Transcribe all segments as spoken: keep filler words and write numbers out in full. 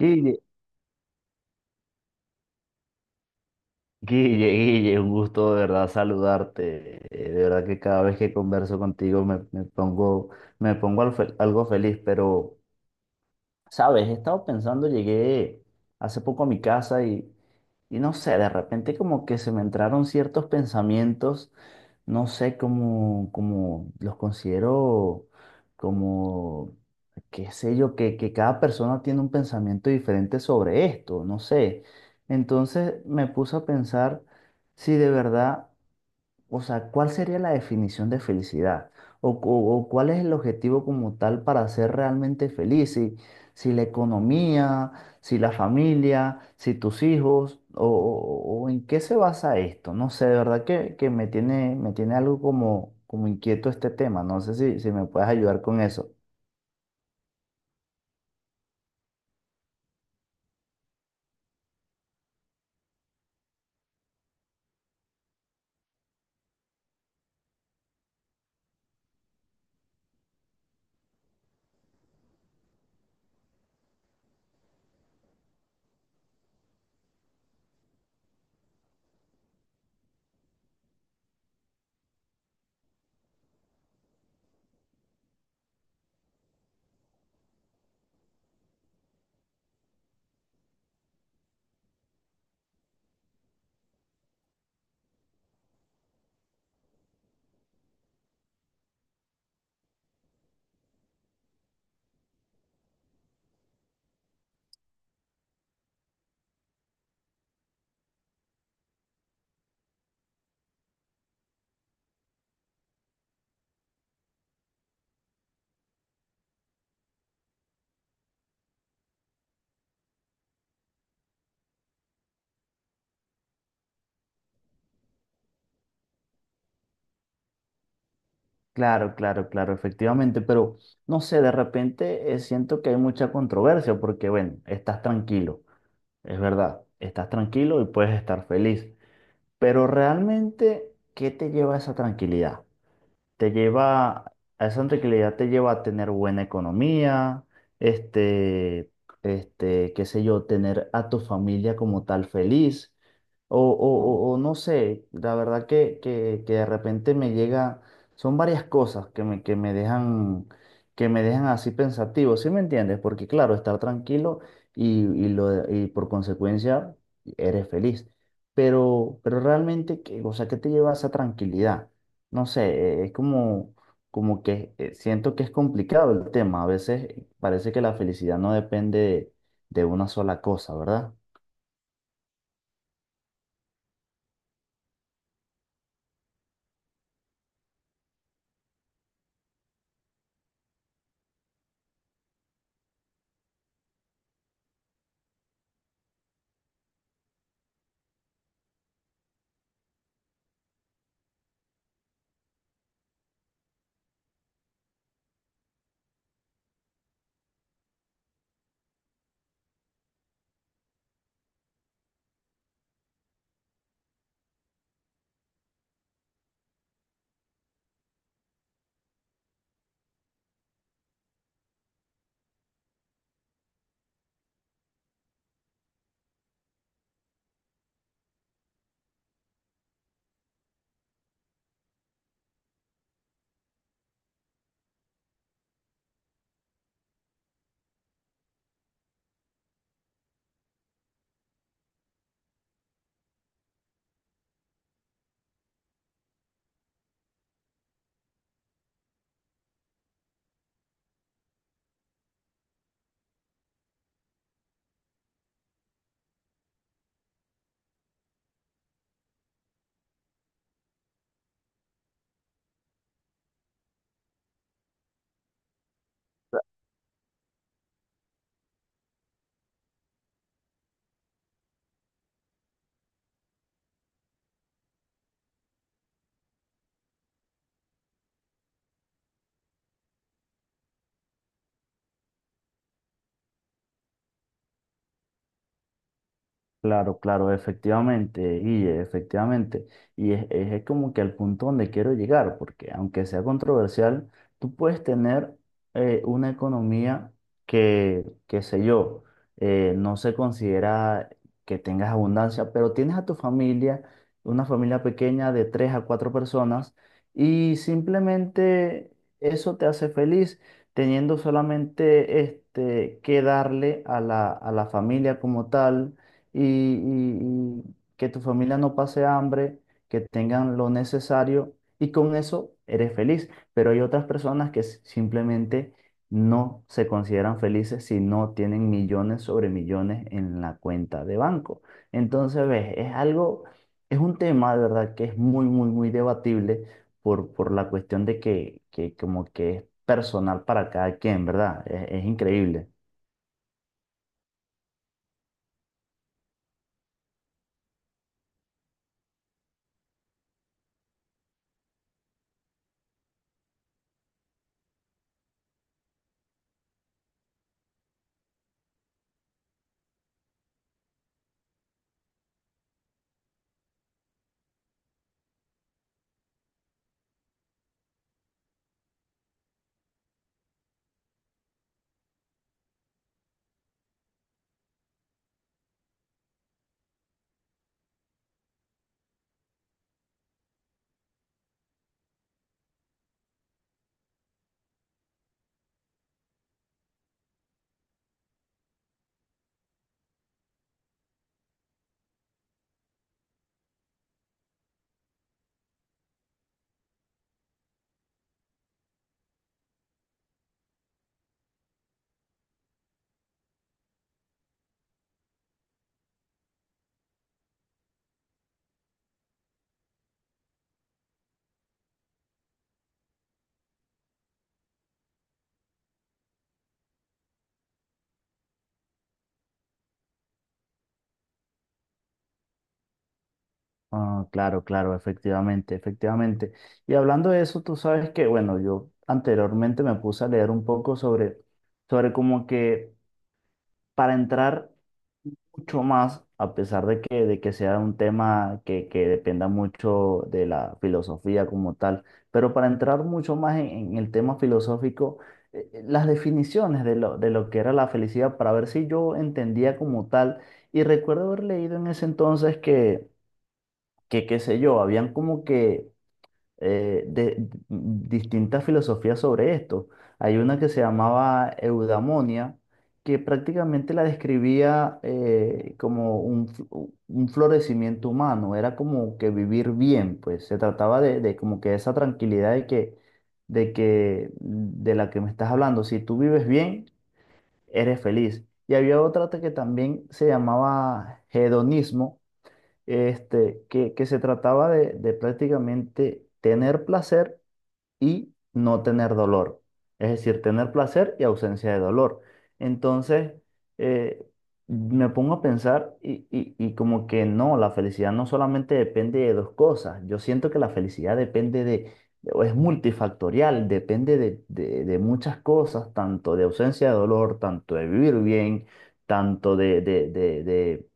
Guille, Guille, Guille, un gusto de verdad saludarte. Eh, De verdad que cada vez que converso contigo me, me pongo, me pongo al fe- algo feliz, pero, sabes, he estado pensando, llegué hace poco a mi casa y, y no sé, de repente como que se me entraron ciertos pensamientos no sé cómo, cómo los considero como, qué sé yo, que, que cada persona tiene un pensamiento diferente sobre esto, no sé. Entonces me puse a pensar si de verdad o sea, ¿cuál sería la definición de felicidad? ¿O, o- o cuál es el objetivo como tal para ser realmente feliz? Si, si la economía, si la familia, si tus hijos, o, o- o ¿en qué se basa esto? No sé, de verdad que, que me tiene, me tiene algo como, como inquieto este tema. No sé si, si me puedes ayudar con eso. Claro, claro, claro, efectivamente, pero no sé, de repente eh, siento que hay mucha controversia porque, bueno, estás tranquilo, es verdad, estás tranquilo y puedes estar feliz. Pero realmente, ¿qué te lleva a esa tranquilidad? Te lleva, a esa tranquilidad te lleva a tener buena economía, este, este, qué sé yo, tener a tu familia como tal feliz, o, o, o- o no sé, la verdad que, que, que de repente me llega, son varias cosas que me, que me dejan, que me dejan así pensativo, ¿sí me entiendes? Porque claro, estar tranquilo y, y, lo, y por consecuencia eres feliz. Pero, pero realmente, ¿qué- o sea, ¿qué te lleva a esa tranquilidad? No sé, es como, como que eh, siento que es complicado el tema. A veces parece que la felicidad no depende de, de una sola cosa, ¿verdad? Claro, claro, efectivamente, y efectivamente. Y es, es- es como que al punto donde quiero llegar, porque aunque sea controversial, tú puedes tener eh, una economía que, qué sé yo, eh, no se considera que tengas abundancia, pero tienes a tu familia, una familia pequeña de tres a cuatro personas, y simplemente eso te hace feliz, teniendo solamente este, que darle a la, a la familia como tal y, y- y que tu familia no pase hambre, que tengan lo necesario y con eso eres feliz. Pero hay otras personas que s- simplemente no se consideran felices si no tienen millones sobre millones en la cuenta de banco. Entonces, ves, es algo, es un tema de verdad que es muy, muy, muy debatible por, por la cuestión de que, que como que es personal para cada quien, ¿verdad? es es increíble. Ah, claro, claro, efectivamente, efectivamente. Y hablando de eso, tú sabes que, bueno, yo anteriormente me puse a leer un poco sobre, sobre como que para entrar mucho más, a pesar de que, de que sea un tema que, que dependa mucho de la filosofía como tal, pero para entrar mucho más en, en el tema filosófico, eh, eh, las definiciones de lo, de lo que era la felicidad, para ver si yo entendía como tal. Y recuerdo haber leído en ese entonces que que qué sé yo, habían como que eh, de- d- distintas filosofías sobre esto. Hay una que se llamaba eudaimonia, que prácticamente la describía eh, como un, f- u- un florecimiento humano, era como que vivir bien, pues se trataba de, de como que esa tranquilidad de que, de que, de la que me estás hablando, si tú vives bien, eres feliz. Y había otra que también se llamaba hedonismo, este, que, que se trataba de, de prácticamente tener placer, y no tener dolor. Es decir, tener placer y ausencia de dolor. Entonces, eh, me pongo a pensar y, y- y como que no, la felicidad no solamente depende de dos cosas. Yo siento que la felicidad depende de, o es multifactorial, depende de, de- de muchas cosas, tanto de ausencia de dolor, tanto de vivir bien, tanto de, de, de, de-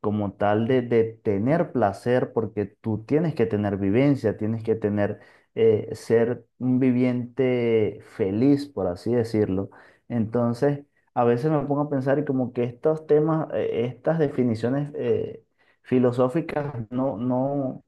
como tal de, de tener placer, porque tú tienes que tener vivencia, tienes que tener eh, ser un viviente feliz, por así decirlo. Entonces, a veces me pongo a pensar y como que estos temas, eh, estas definiciones eh, filosóficas no, no,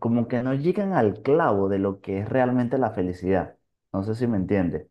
como que no llegan al clavo de lo que es realmente la felicidad. No sé si me entiendes.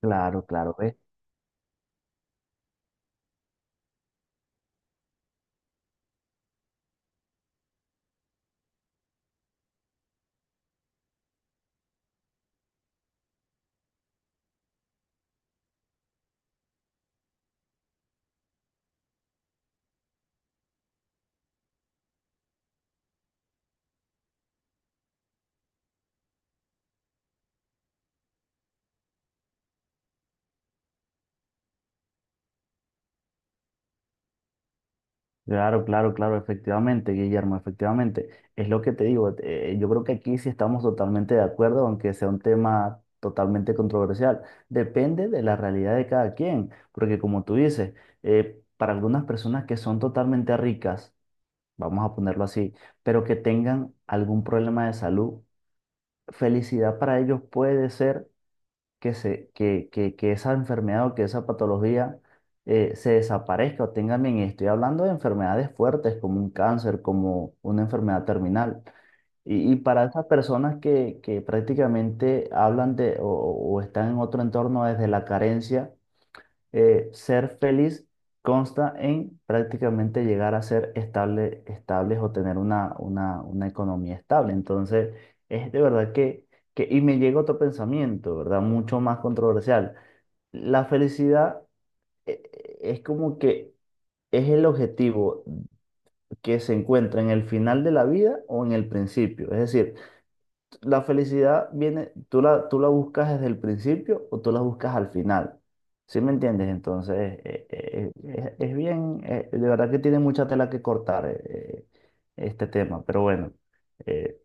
Claro, claro. Claro, claro, claro, efectivamente, Guillermo, efectivamente. Es lo que te digo, eh, yo creo que aquí sí estamos totalmente de acuerdo, aunque sea un tema totalmente controversial. Depende de la realidad de cada quien, porque como tú dices, eh, para algunas personas que son totalmente ricas, vamos a ponerlo así, pero que tengan algún problema de salud, felicidad para ellos puede ser que, se, que, que, que esa enfermedad o que esa patología eh, se desaparezca o tenga bien. Y estoy hablando de enfermedades fuertes como un cáncer, como una enfermedad terminal. Y, y para esas personas que, que prácticamente hablan de o, o están en otro entorno desde la carencia, eh, ser feliz consta en prácticamente llegar a ser estable, estables o tener una, una, una economía estable. Entonces, es de verdad que, que, y me llega otro pensamiento, ¿verdad? Mucho más controversial. La felicidad eh, eh, es como que es el objetivo que se encuentra en el final de la vida o en el principio. Es decir, la felicidad viene, tú la, tú la buscas desde el principio o tú la buscas al final. ¿Sí me entiendes? Entonces, eh, eh, eh, es, es bien, eh, de verdad que tiene mucha tela que cortar eh, eh, este tema, pero bueno, eh,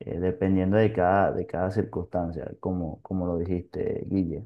eh, dependiendo de cada, de cada circunstancia, como, como lo dijiste, Guille.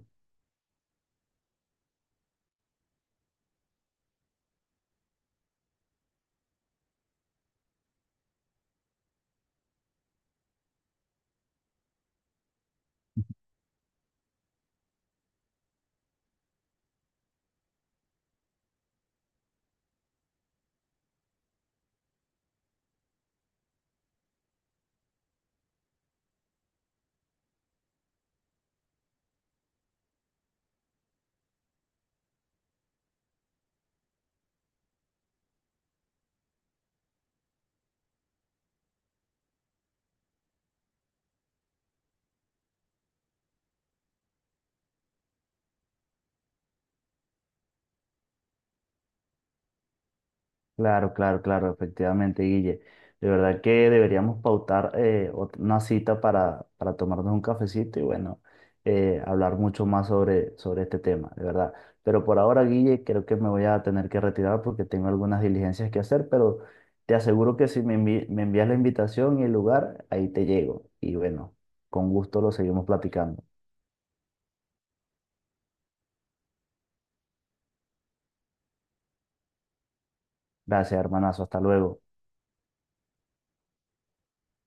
Claro, claro, claro, efectivamente, Guille. De verdad que deberíamos pautar eh, ot- una cita para, para tomarnos un cafecito y bueno, eh, hablar mucho más sobre, sobre este tema, de verdad. Pero por ahora, Guille, creo que me voy a tener que retirar porque tengo algunas diligencias que hacer, pero te aseguro que si me envi- me envías la invitación y el lugar, ahí te llego. Y bueno, con gusto lo seguimos platicando. Gracias, hermanazo, hasta luego.